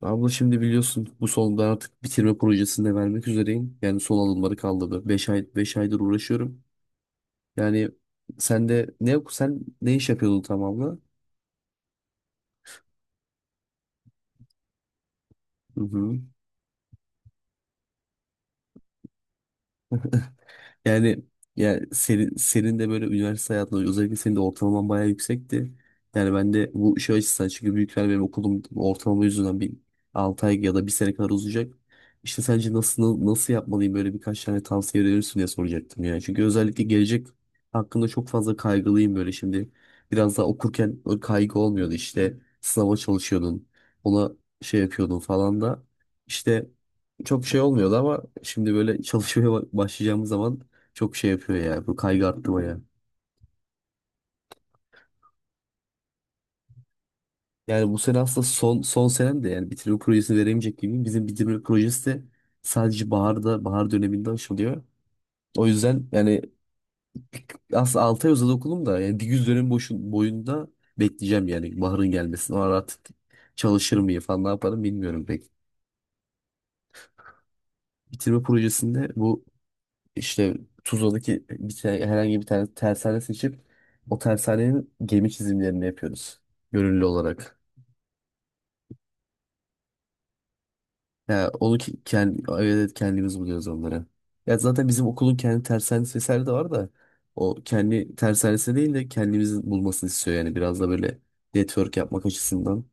Abla şimdi biliyorsun bu solu ben artık bitirme projesinde vermek üzereyim. Yani son alımları kaldı. Beş aydır uğraşıyorum. Yani sen ne iş yapıyordun tamamla? Hı hı. Yani ya senin de böyle üniversite hayatında özellikle senin de ortalaman bayağı yüksekti. Yani ben de bu şey açısından, çünkü büyükler benim okulum ortalama yüzünden bir 6 ay ya da bir sene kadar uzayacak. İşte sence nasıl yapmalıyım böyle, birkaç tane tavsiye verirsin diye soracaktım yani. Çünkü özellikle gelecek hakkında çok fazla kaygılıyım böyle şimdi. Biraz daha okurken o kaygı olmuyordu, işte sınava çalışıyordun, ona şey yapıyordun falan da, işte çok şey olmuyordu, ama şimdi böyle çalışmaya başlayacağımız zaman çok şey yapıyor ya. Bu kaygı arttı bayağı. Yani bu sene aslında son senem de, yani bitirme projesini veremeyecek gibi. Bizim bitirme projesi de sadece bahar döneminde açılıyor. O yüzden yani aslında 6 ay uzadı okulum da, yani bir yüz dönem boyunda bekleyeceğim yani baharın gelmesini. O ara artık çalışır mıyım falan, ne yaparım bilmiyorum pek. Bitirme projesinde bu, işte Tuzla'daki herhangi bir tane tersane seçip o tersanenin gemi çizimlerini yapıyoruz. Gönüllü olarak. Ya onu evet evet, kendimiz buluyoruz onları. Ya zaten bizim okulun kendi tersanesi vesaire de var da, o kendi tersanesi değil de kendimizin bulmasını istiyor yani, biraz da böyle network yapmak açısından.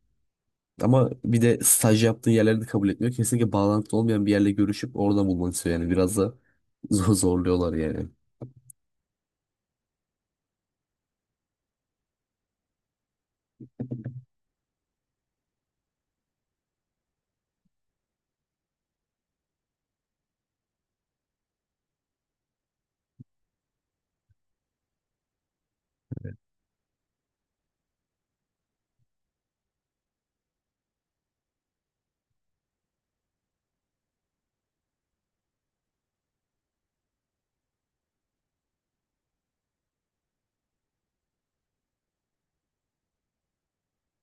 Ama bir de staj yaptığın yerleri de kabul etmiyor. Kesinlikle bağlantılı olmayan bir yerle görüşüp oradan bulmanı istiyor yani, biraz da zorluyorlar yani.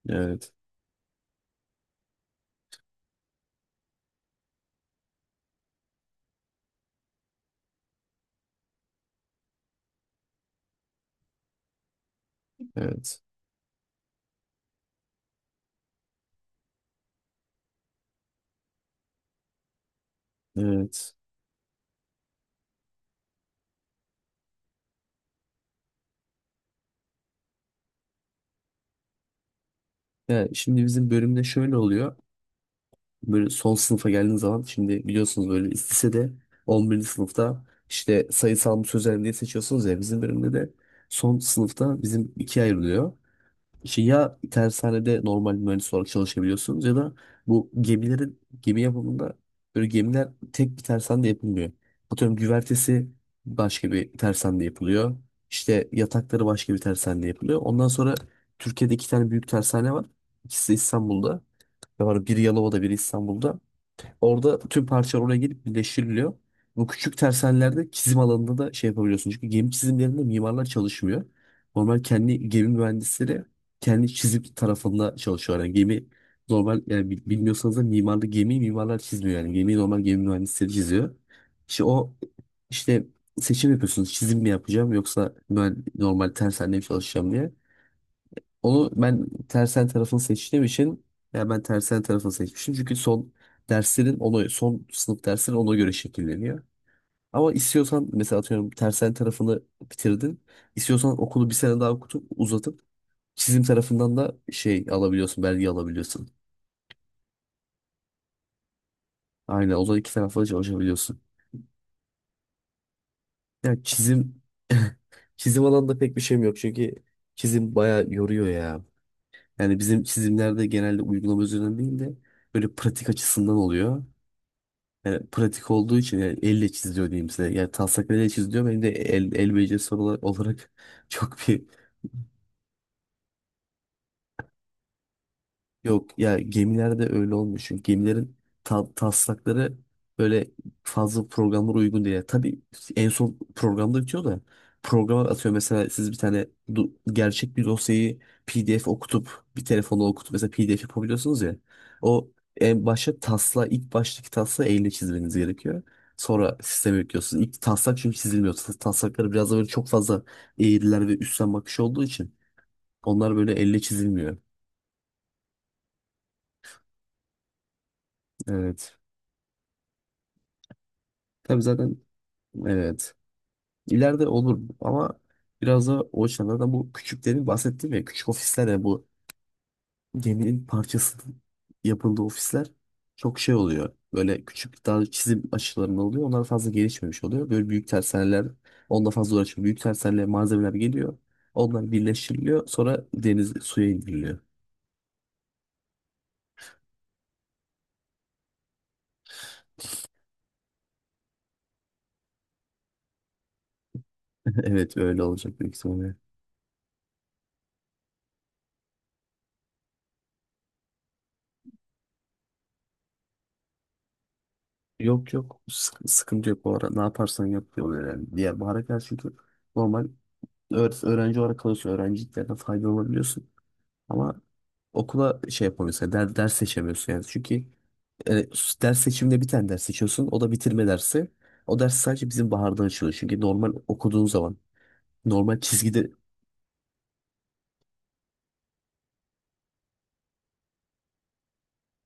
Evet, evet, evet. Ya şimdi bizim bölümde şöyle oluyor. Böyle son sınıfa geldiğiniz zaman, şimdi biliyorsunuz böyle lisede 11. sınıfta işte sayısal mı sözel mi diye seçiyorsunuz ya, bizim bölümde de son sınıfta bizim ikiye ayrılıyor. İşte ya tersanede normal mühendis olarak çalışabiliyorsunuz ya da bu gemilerin gemi yapımında, böyle gemiler tek bir tersanede yapılmıyor. Atıyorum güvertesi başka bir tersanede yapılıyor. İşte yatakları başka bir tersanede yapılıyor. Ondan sonra Türkiye'de 2 tane büyük tersane var. İkisi de İstanbul'da. Ve var biri Yalova'da biri İstanbul'da. Orada tüm parçalar oraya gelip birleştiriliyor. Bu küçük tersanelerde çizim alanında da şey yapabiliyorsun. Çünkü gemi çizimlerinde mimarlar çalışmıyor. Normal kendi gemi mühendisleri kendi çizim tarafında çalışıyor. Yani gemi normal, yani bilmiyorsanız da mimarlı gemiyi mimarlar çizmiyor yani. Gemiyi normal gemi mühendisleri çiziyor. İşte o, işte seçim yapıyorsunuz. Çizim mi yapacağım yoksa ben normal tersanede mi çalışacağım diye. Onu ben tersen tarafını seçtiğim için, yani ben tersen tarafını seçmiştim. Çünkü son sınıf derslerin ona göre şekilleniyor. Ama istiyorsan mesela atıyorum tersen tarafını bitirdin. İstiyorsan okulu bir sene daha okutup uzatıp çizim tarafından da belge alabiliyorsun. Aynen, o da iki tarafla çalışabiliyorsun. Yani çizim alanında pek bir şeyim yok, çünkü çizim bayağı yoruyor ya. Yani bizim çizimlerde genelde uygulama üzerinden değil de böyle pratik açısından oluyor. Yani pratik olduğu için, yani elle çiziliyor diyeyim size. Yani taslaklarıyla çiziliyor. Benim de el becerisi olarak çok bir... Yok ya, gemilerde öyle olmuyor. Çünkü gemilerin taslakları böyle fazla programlara uygun değil. Yani tabii en son programda bitiyor da programa atıyor. Mesela siz bir tane gerçek bir dosyayı PDF okutup, bir telefonla okutup mesela PDF yapabiliyorsunuz ya. O en başta ilk baştaki tasla elle çizmeniz gerekiyor. Sonra sisteme yüklüyorsunuz. İlk taslak çünkü çizilmiyor. Taslakları biraz da böyle çok fazla eğriler ve üstten bakış olduğu için onlar böyle elle çizilmiyor. Evet. Tabii zaten. Evet. İleride olur ama biraz da o açıdan da bu küçüklerin bahsettiğim, ya küçük ofisler ya bu geminin parçasının yapıldığı ofisler, çok şey oluyor. Böyle küçük daha çizim aşılarında oluyor. Onlar fazla gelişmemiş oluyor. Böyle büyük tersaneler onunla fazla uğraşmıyor. Büyük tersanelere malzemeler geliyor. Onlar birleştiriliyor. Sonra deniz suya indiriliyor. Evet, öyle olacak büyük ihtimalle. Yok yok, sıkıntı yok bu ara. Ne yaparsan yap diyorlar yani. Diğer bahara karşı, çünkü normal öğrenci olarak kalıyorsun. Öğrenciliklerden faydalanabiliyorsun. Ama okula şey yapamıyorsun, yani ders seçemiyorsun yani. Çünkü e, ders seçiminde bir tane ders seçiyorsun. O da bitirme dersi. O ders sadece bizim baharda açılıyor. Çünkü normal okuduğun zaman normal çizgide,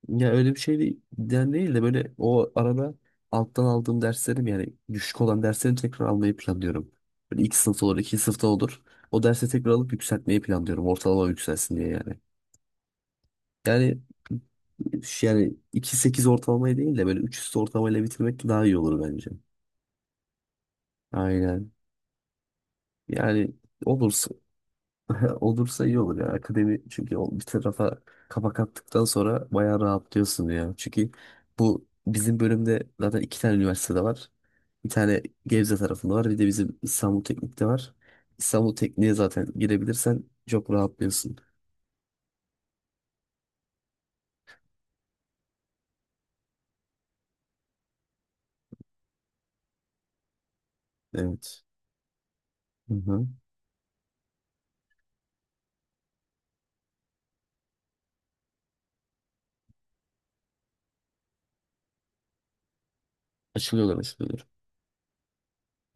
ya öyle bir şey değil, yani değil de böyle o arada alttan aldığım derslerim yani düşük olan derslerimi tekrar almayı planlıyorum. Böyle ilk sınıfta olur, ikinci sınıfta olur. O dersi tekrar alıp yükseltmeyi planlıyorum. Ortalama yükselsin diye yani. Yani Yani iki sekiz ortalamayı değil de böyle 3 üstü ortalamayla bitirmek daha iyi olur bence. Aynen. Yani olursa olursa iyi olur ya. Akademi çünkü o bir tarafa kapak attıktan sonra bayağı rahatlıyorsun ya. Çünkü bu bizim bölümde zaten 2 tane üniversitede var. Bir tane Gebze tarafında var. Bir de bizim İstanbul Teknik'te var. İstanbul Teknik'e zaten girebilirsen çok rahatlıyorsun. Evet. Hı hı. Açılıyorlar, açılıyorlar.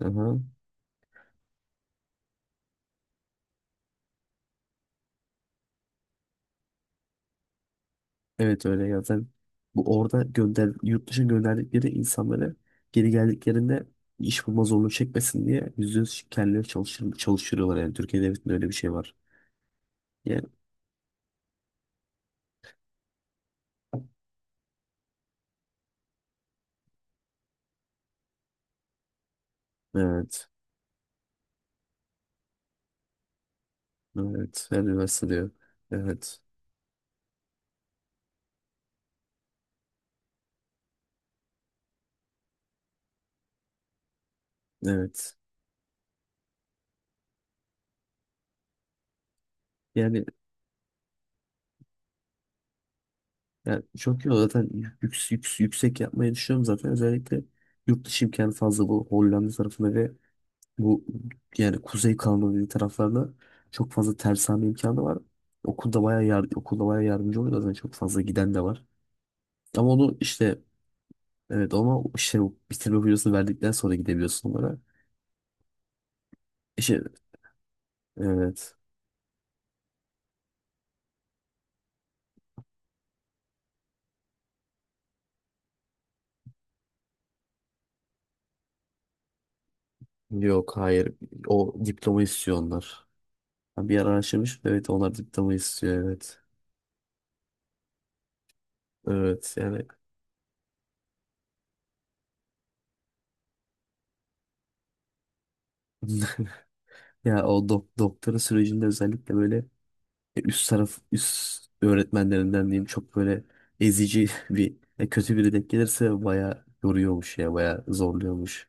Hı hı. Evet, öyle ya. Zaten bu orada yurt dışına gönderdikleri insanları geri geldiklerinde iş bulma zorluğu çekmesin diye %100 kendileri çalıştırıyorlar yani. Türkiye Devleti'nde öyle bir şey var. Yani, evet. Evet. Her üniversite diyor. Evet. Evet. Yani, yani çok iyi zaten yüksek yapmayı düşünüyorum zaten, özellikle yurt dışı imkanı fazla bu Hollanda tarafında ve Bu yani Kuzey Kanada dediği taraflarda çok fazla tersane imkanı var. Okulda bayağı yar okulda bayağı yardımcı oluyor zaten, çok fazla giden de var. Ama onu işte, evet, ama işte bu bitirme videosunu verdikten sonra gidebiliyorsun onlara. İşte, evet, yok, hayır, o diploma istiyor onlar. Ben bir ara araştırmış, evet, onlar diploma istiyor, evet. Evet yani ya o doktora sürecinde özellikle böyle üst öğretmenlerinden diyeyim, çok böyle ezici bir kötü biri denk gelirse bayağı yoruyormuş ya, bayağı zorluyormuş.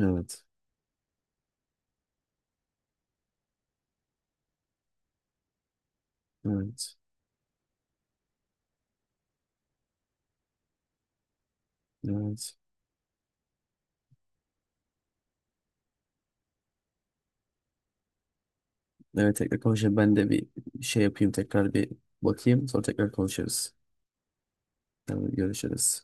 Evet. Evet. Evet. Evet, tekrar konuşalım. Ben de bir şey yapayım, tekrar bir bakayım, sonra tekrar konuşuruz. Tamam, görüşürüz.